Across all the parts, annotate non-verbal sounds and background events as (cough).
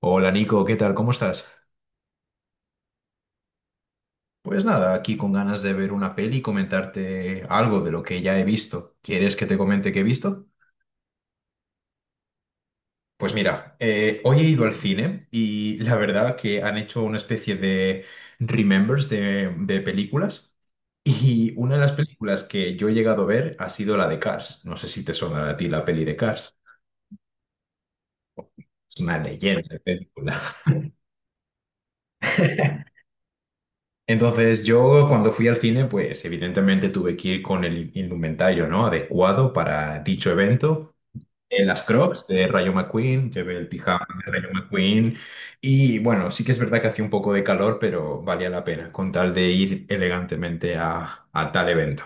Hola Nico, ¿qué tal? ¿Cómo estás? Pues nada, aquí con ganas de ver una peli y comentarte algo de lo que ya he visto. ¿Quieres que te comente qué he visto? Pues mira, hoy he ido al cine y la verdad que han hecho una especie de remembers de películas y una de las películas que yo he llegado a ver ha sido la de Cars. No sé si te sonará a ti la peli de Cars. Es una leyenda de película. Entonces yo cuando fui al cine, pues evidentemente tuve que ir con el indumentario, ¿no?, adecuado para dicho evento. En Las Crocs de Rayo McQueen, llevé el pijama de Rayo McQueen y bueno, sí que es verdad que hacía un poco de calor, pero valía la pena con tal de ir elegantemente a tal evento.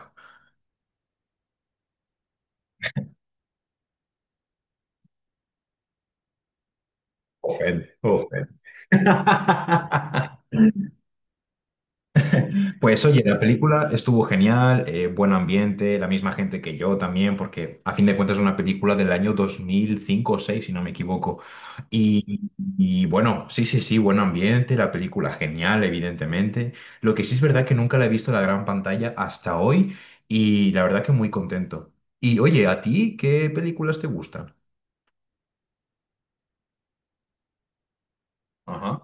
Ofende, ofende. (laughs) Pues oye, la película estuvo genial, buen ambiente, la misma gente que yo también, porque a fin de cuentas es una película del año 2005 o 2006 si no me equivoco. Y, y bueno, sí, sí, sí, buen ambiente, la película genial, evidentemente. Lo que sí es verdad que nunca la he visto en la gran pantalla hasta hoy y la verdad que muy contento. Y oye, ¿a ti qué películas te gustan? Ajá.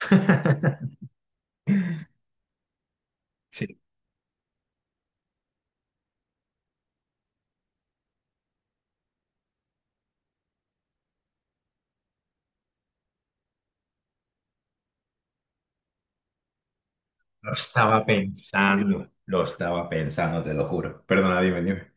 (laughs) Sí, lo estaba pensando, te lo juro. Perdona, dime, dime.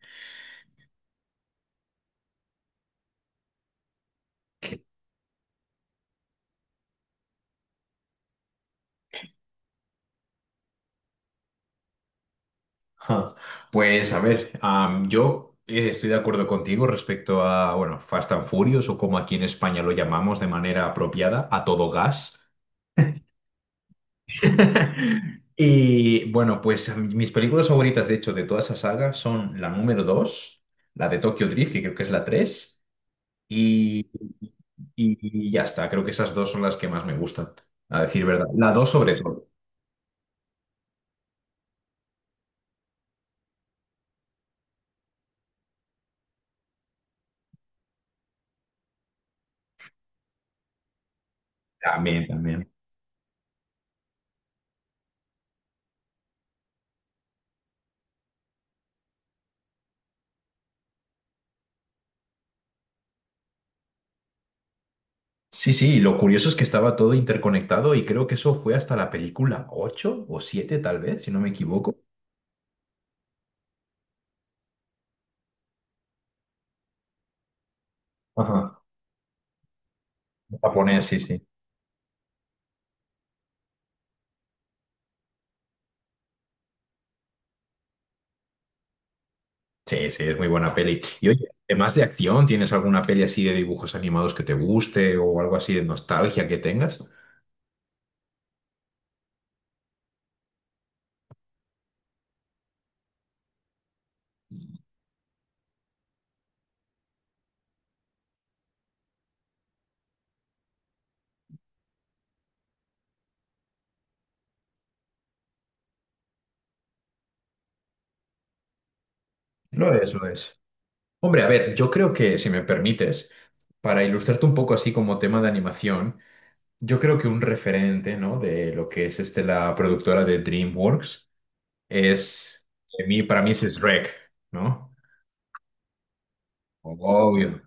Ja. Pues a ver, yo estoy de acuerdo contigo respecto a, bueno, Fast and Furious o como aquí en España lo llamamos de manera apropiada, a todo gas. (laughs) Y bueno, pues mis películas favoritas, de hecho, de toda esa saga son la número 2, la de Tokyo Drift, que creo que es la 3, y, y ya está, creo que esas dos son las que más me gustan, a decir verdad. La 2 sobre todo. También, también. Sí, sí, y lo curioso es que estaba todo interconectado y creo que eso fue hasta la película 8 o 7 tal vez, si no me equivoco. Ajá. Japonés, sí, sí. Sí, sí, es muy buena peli. Y oye, además de acción, ¿tienes alguna peli así de dibujos animados que te guste o algo así de nostalgia que tengas? Lo es, lo es. Hombre, a ver, yo creo que, si me permites, para ilustrarte un poco así como tema de animación, yo creo que un referente, ¿no?, de lo que es este, la productora de DreamWorks. Es, de mí, para mí ese es Shrek, ¿no? Obvio.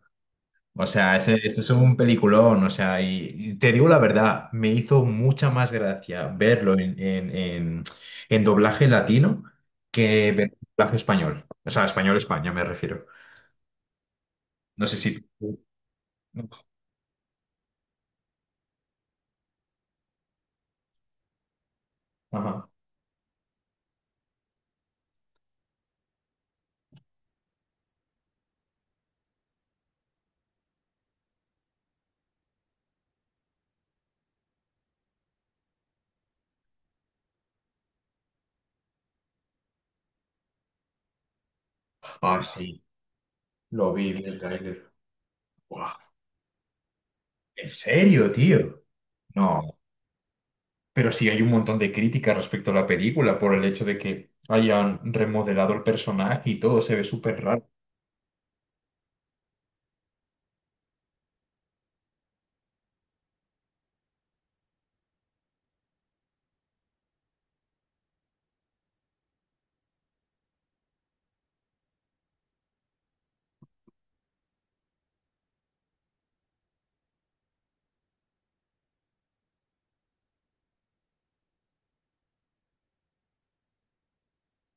O sea, ese es un peliculón, o sea, y te digo la verdad, me hizo mucha más gracia verlo en doblaje latino que ver doblaje español. O sea, español-España me refiero. No sé si... Ajá. Ah, sí, lo vi, vi el tráiler. Buah. ¿En serio, tío? No. Pero sí hay un montón de críticas respecto a la película por el hecho de que hayan remodelado el personaje y todo se ve súper raro.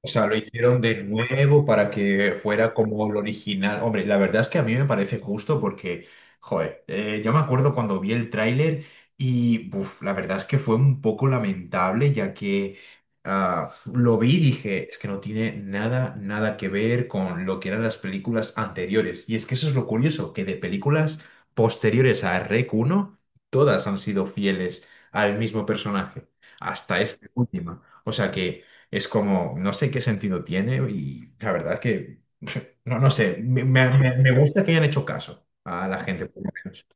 O sea, lo hicieron de nuevo para que fuera como lo original. Hombre, la verdad es que a mí me parece justo porque, joder, yo me acuerdo cuando vi el tráiler y, buf, la verdad es que fue un poco lamentable ya que ah, lo vi y dije, es que no tiene nada, nada que ver con lo que eran las películas anteriores. Y es que eso es lo curioso, que de películas posteriores a Rec uno todas han sido fieles al mismo personaje, hasta esta última. O sea que... Es como, no sé qué sentido tiene y la verdad es que, (laughs) no, no sé, me gusta que hayan hecho caso a la gente, por lo menos.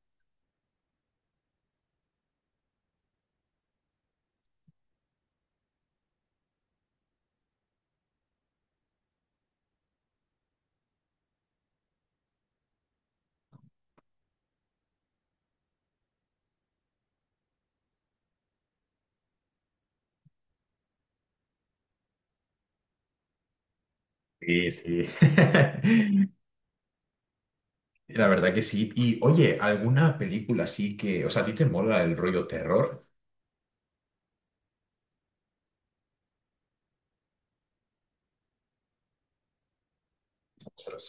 Sí, sí. (laughs) La verdad que sí. Y oye, ¿alguna película así que, o sea, a ti te mola el rollo terror? Ostras.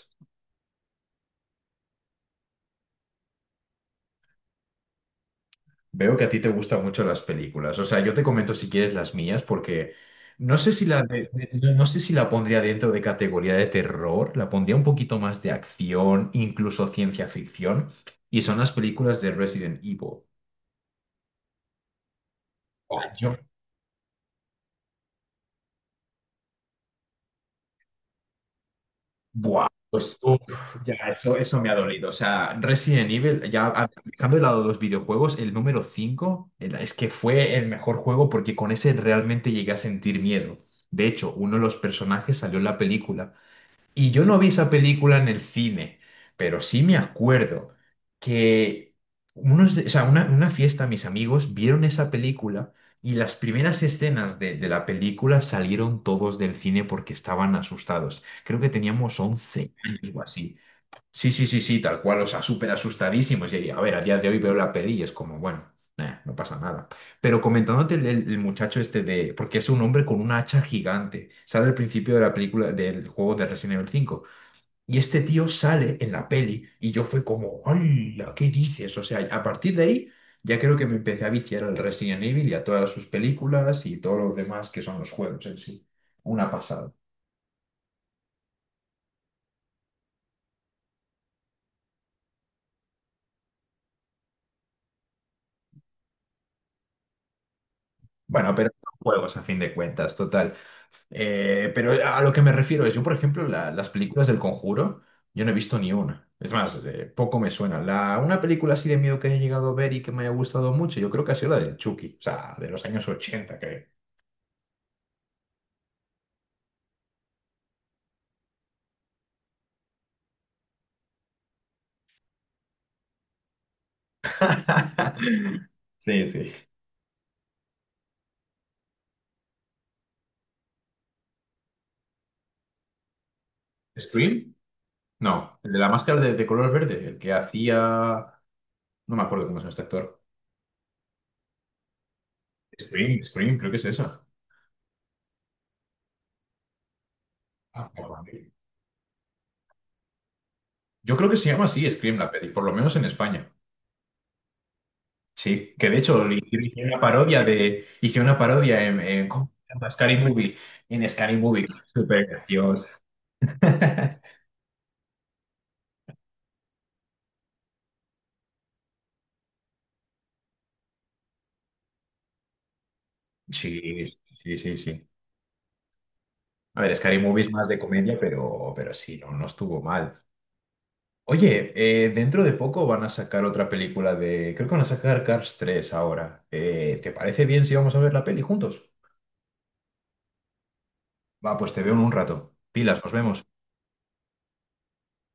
Veo que a ti te gustan mucho las películas. O sea, yo te comento si quieres las mías, porque no sé si la, no, no sé si la pondría dentro de categoría de terror, la pondría un poquito más de acción, incluso ciencia ficción, y son las películas de Resident Evil. Oh, yo, buah, pues uf, ya, eso me ha dolido. O sea, Resident Evil, ya dejando de lado los videojuegos, el número 5 es que fue el mejor juego porque con ese realmente llegué a sentir miedo. De hecho, uno de los personajes salió en la película. Y yo no vi esa película en el cine, pero sí me acuerdo que unos, o sea, una fiesta, mis amigos vieron esa película y las primeras escenas de la película salieron todos del cine porque estaban asustados. Creo que teníamos once años o así. Sí, sí, sí, sí, tal cual, o sea, súper asustadísimos. Y a ver, a día de hoy veo la peli y es como, bueno, nah, no pasa nada. Pero comentándote el muchacho este de, porque es un hombre con una hacha gigante, sale al principio de la película, del juego de Resident Evil 5. Y este tío sale en la peli y yo fue como, ¡hala! ¿Qué dices? O sea, a partir de ahí ya creo que me empecé a viciar al Resident Evil y a todas sus películas y todo lo demás que son los juegos en sí. Una pasada. Bueno, pero son juegos a fin de cuentas, total. Pero a lo que me refiero es, yo por ejemplo, las películas del Conjuro, yo no he visto ni una. Es más, poco me suena. La, una película así de miedo que haya llegado a ver y que me haya gustado mucho, yo creo que ha sido la del Chucky, o sea, de los años ochenta, creo. (laughs) Sí, sí. ¿Scream? No, el de la máscara de color verde, el que hacía... No me acuerdo cómo se llama este actor. Scream, Scream, creo que es esa. Ah, bueno. Yo creo que se llama así Scream la peli, por lo menos en España. Sí, que de hecho le hicieron una parodia de. Hicieron una parodia en, ¿cómo se llama? Scary Movie. En Scary Movie. Súper gracioso. (laughs) Sí, sí, sí, sí. A ver, Scary Movie es más de comedia, pero sí, no, no estuvo mal. Oye, dentro de poco van a sacar otra película de. Creo que van a sacar Cars tres ahora. ¿Te parece bien si vamos a ver la peli juntos? Va, pues te veo en un rato. Pilas, nos vemos.